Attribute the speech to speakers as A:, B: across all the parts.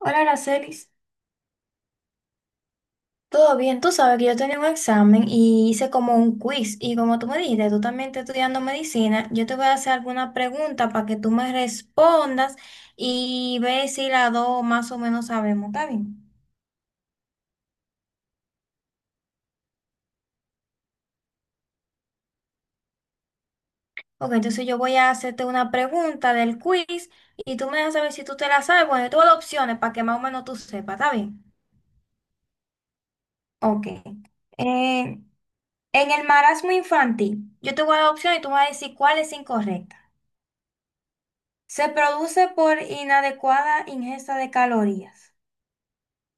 A: Hola, Aracelis. Todo bien, tú sabes que yo tenía un examen y hice como un quiz. Y como tú me dijiste, tú también estás estudiando medicina, yo te voy a hacer alguna pregunta para que tú me respondas y ve si las dos más o menos sabemos. ¿Está bien? Ok, entonces yo voy a hacerte una pregunta del quiz y tú me dejas saber si tú te la sabes. Bueno, yo tengo las opciones para que más o menos tú sepas. ¿Está bien? Ok. Eh, en el marasmo infantil, yo te voy a dar opciones y tú me vas a decir cuál es incorrecta. Se produce por inadecuada ingesta de calorías.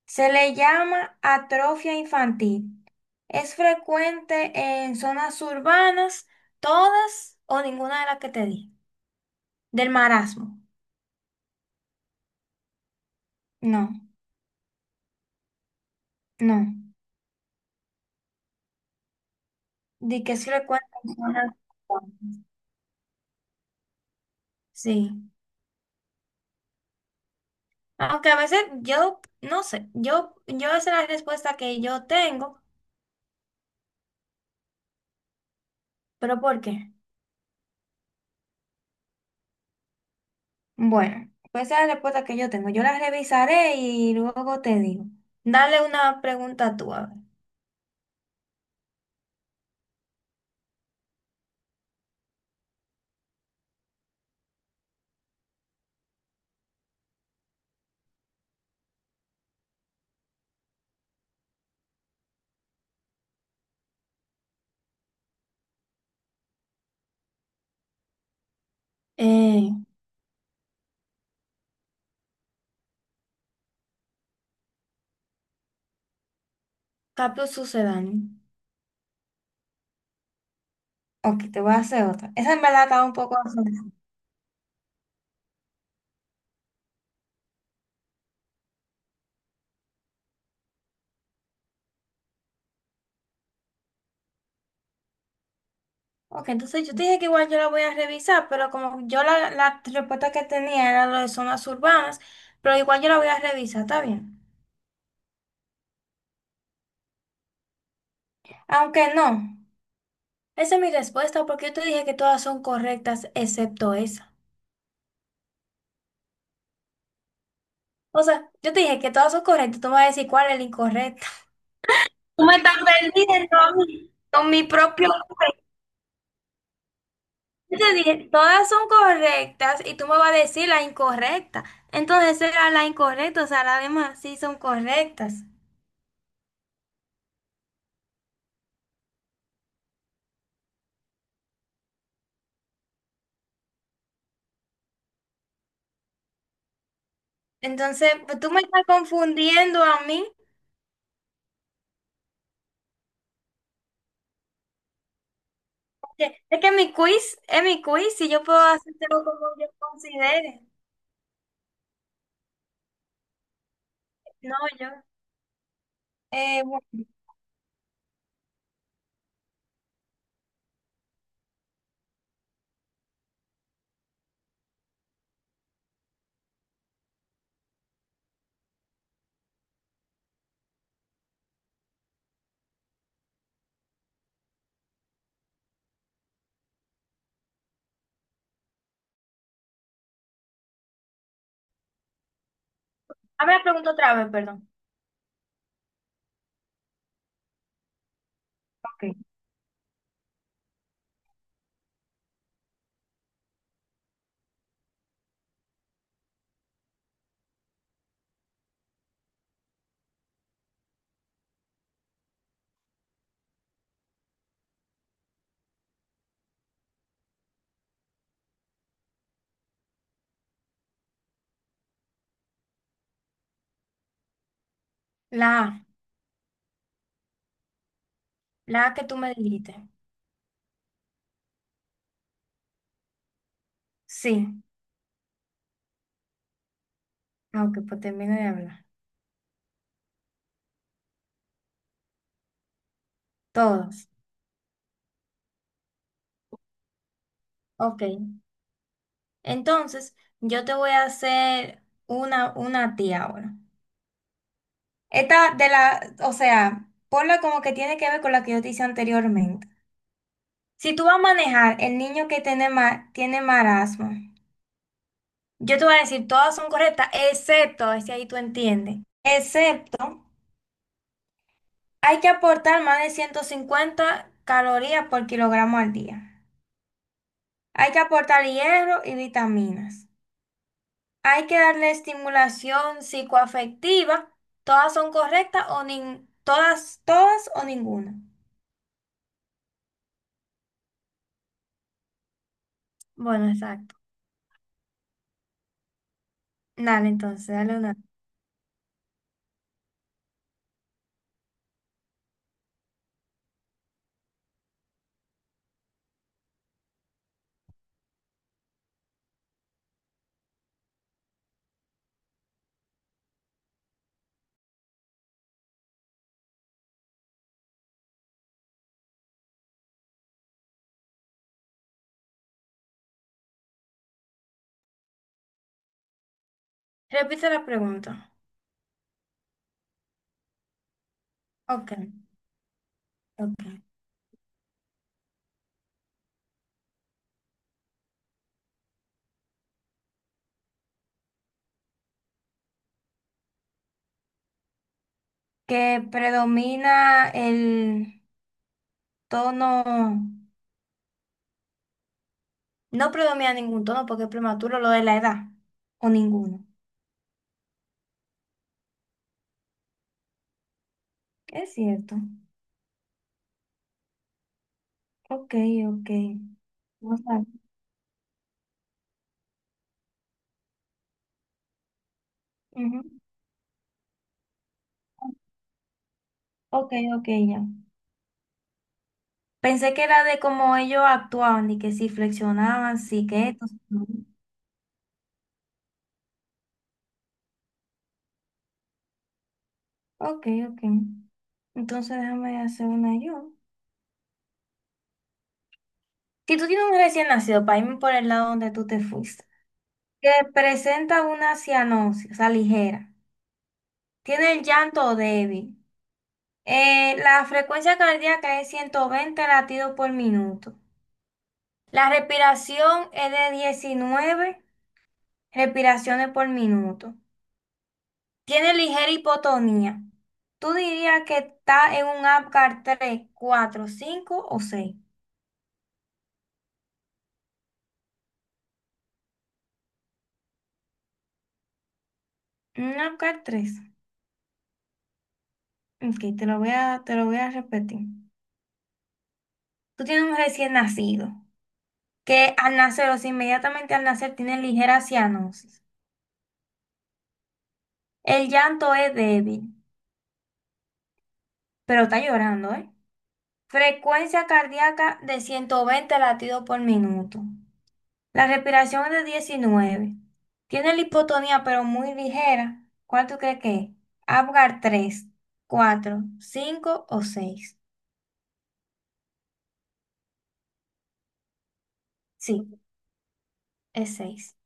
A: Se le llama atrofia infantil. Es frecuente en zonas urbanas, todas o ninguna de las que te di. Del marasmo. No, no. Di que es frecuente en zonas urbanas. Sí. Aunque a veces yo, no sé, yo esa es la respuesta que yo tengo, pero ¿por qué? Bueno, pues esa es la respuesta que yo tengo. Yo la revisaré y luego te digo. Dale una pregunta tú, a ver. Eh, cambio sucedáneo. Ok, te voy a hacer otra. Esa en verdad estaba un poco sencilla. Ok, entonces yo te dije que igual yo la voy a revisar, pero como yo la respuesta que tenía era lo de zonas urbanas, pero igual yo la voy a revisar, ¿está bien? Aunque no. Esa es mi respuesta porque yo te dije que todas son correctas excepto esa. O sea, yo te dije que todas son correctas, tú me vas a decir cuál es el incorrecto. Tú me estás perdiendo a con mi propio juez. Yo te dije, todas son correctas y tú me vas a decir la incorrecta. Entonces era la incorrecta, o sea, las demás sí son correctas. Entonces, pues, tú me estás confundiendo a mí. Es que mi quiz es mi quiz y yo puedo hacértelo como yo considere. No, yo. Bueno. A ver, pregunto otra vez, perdón. Ok. La A, la A que tú me dijiste. Sí. Ah, ok, pues termino de hablar. Todos. Ok. Entonces, yo te voy a hacer una a ti ahora. Esta de la, o sea, ponla como que tiene que ver con la que yo te hice anteriormente. Si tú vas a manejar el niño que tiene, tiene marasmo, yo te voy a decir, todas son correctas, excepto, ese ahí tú entiendes, excepto, hay que aportar más de 150 calorías por kilogramo al día. Hay que aportar hierro y vitaminas. Hay que darle estimulación psicoafectiva. Todas son correctas o todas, todas o ninguna. Bueno, exacto. Dale, entonces, dale una. Repite la pregunta. Ok, ok. Que predomina el tono. No predomina ningún tono porque es prematuro lo de la edad. O ninguno. Es cierto. Ok, ok. Vamos a- Ujú. Ok, ok, ya. Pensé que era de cómo ellos actuaban y que si flexionaban, si que esto, si lo otro. Ok, ok. Entonces déjame hacer una yo. Si tú tienes un recién nacido, para irme por el lado donde tú te fuiste, que presenta una cianosis, o sea, ligera, tiene el llanto débil, la frecuencia cardíaca es 120 latidos por minuto, la respiración es de 19 respiraciones por minuto. Tiene ligera hipotonía. ¿Tú dirías que está en un Apgar 3, 4, 5 o 6? Un Apgar 3. Ok, te lo voy a repetir. Tú tienes un recién nacido que al nacer o sea, inmediatamente al nacer tiene ligera cianosis. El llanto es débil, pero está llorando, ¿eh? Frecuencia cardíaca de 120 latidos por minuto. La respiración es de 19. Tiene la hipotonía, pero muy ligera. ¿Cuál tú crees que es? Apgar 3, 4, 5 o 6. Sí, es seis.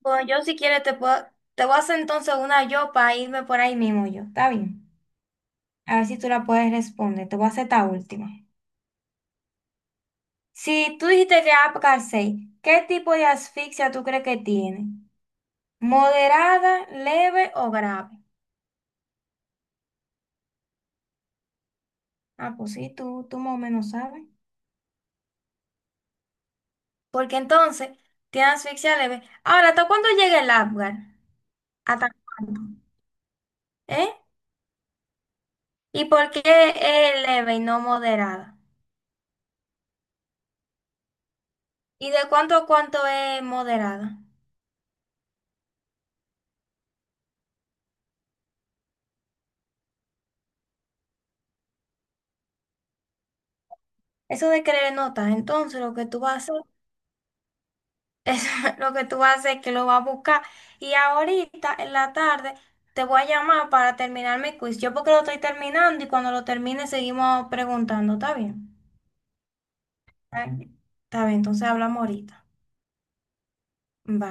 A: Bueno, yo si quieres te puedo, te voy a hacer entonces una yo para irme por ahí mismo yo. ¿Está bien? A ver si tú la puedes responder. Te voy a hacer esta última. Si tú dijiste que Apgar seis, ¿qué tipo de asfixia tú crees que tiene? ¿Moderada, leve o grave? Ah, pues sí, tú más o menos sabes. Porque entonces tiene asfixia leve. Ahora, ¿hasta cuándo llega el Apgar? ¿Hasta cuándo? ¿Eh? ¿Y por qué es leve y no moderada? ¿Y de cuánto a cuánto es moderada? Eso de querer notas, entonces lo que tú vas a hacer es lo que tú vas a hacer es que lo vas a buscar. Y ahorita en la tarde te voy a llamar para terminar mi quiz. Yo porque lo estoy terminando y cuando lo termine seguimos preguntando, ¿está bien? Está bien, está bien, entonces hablamos ahorita. Bye.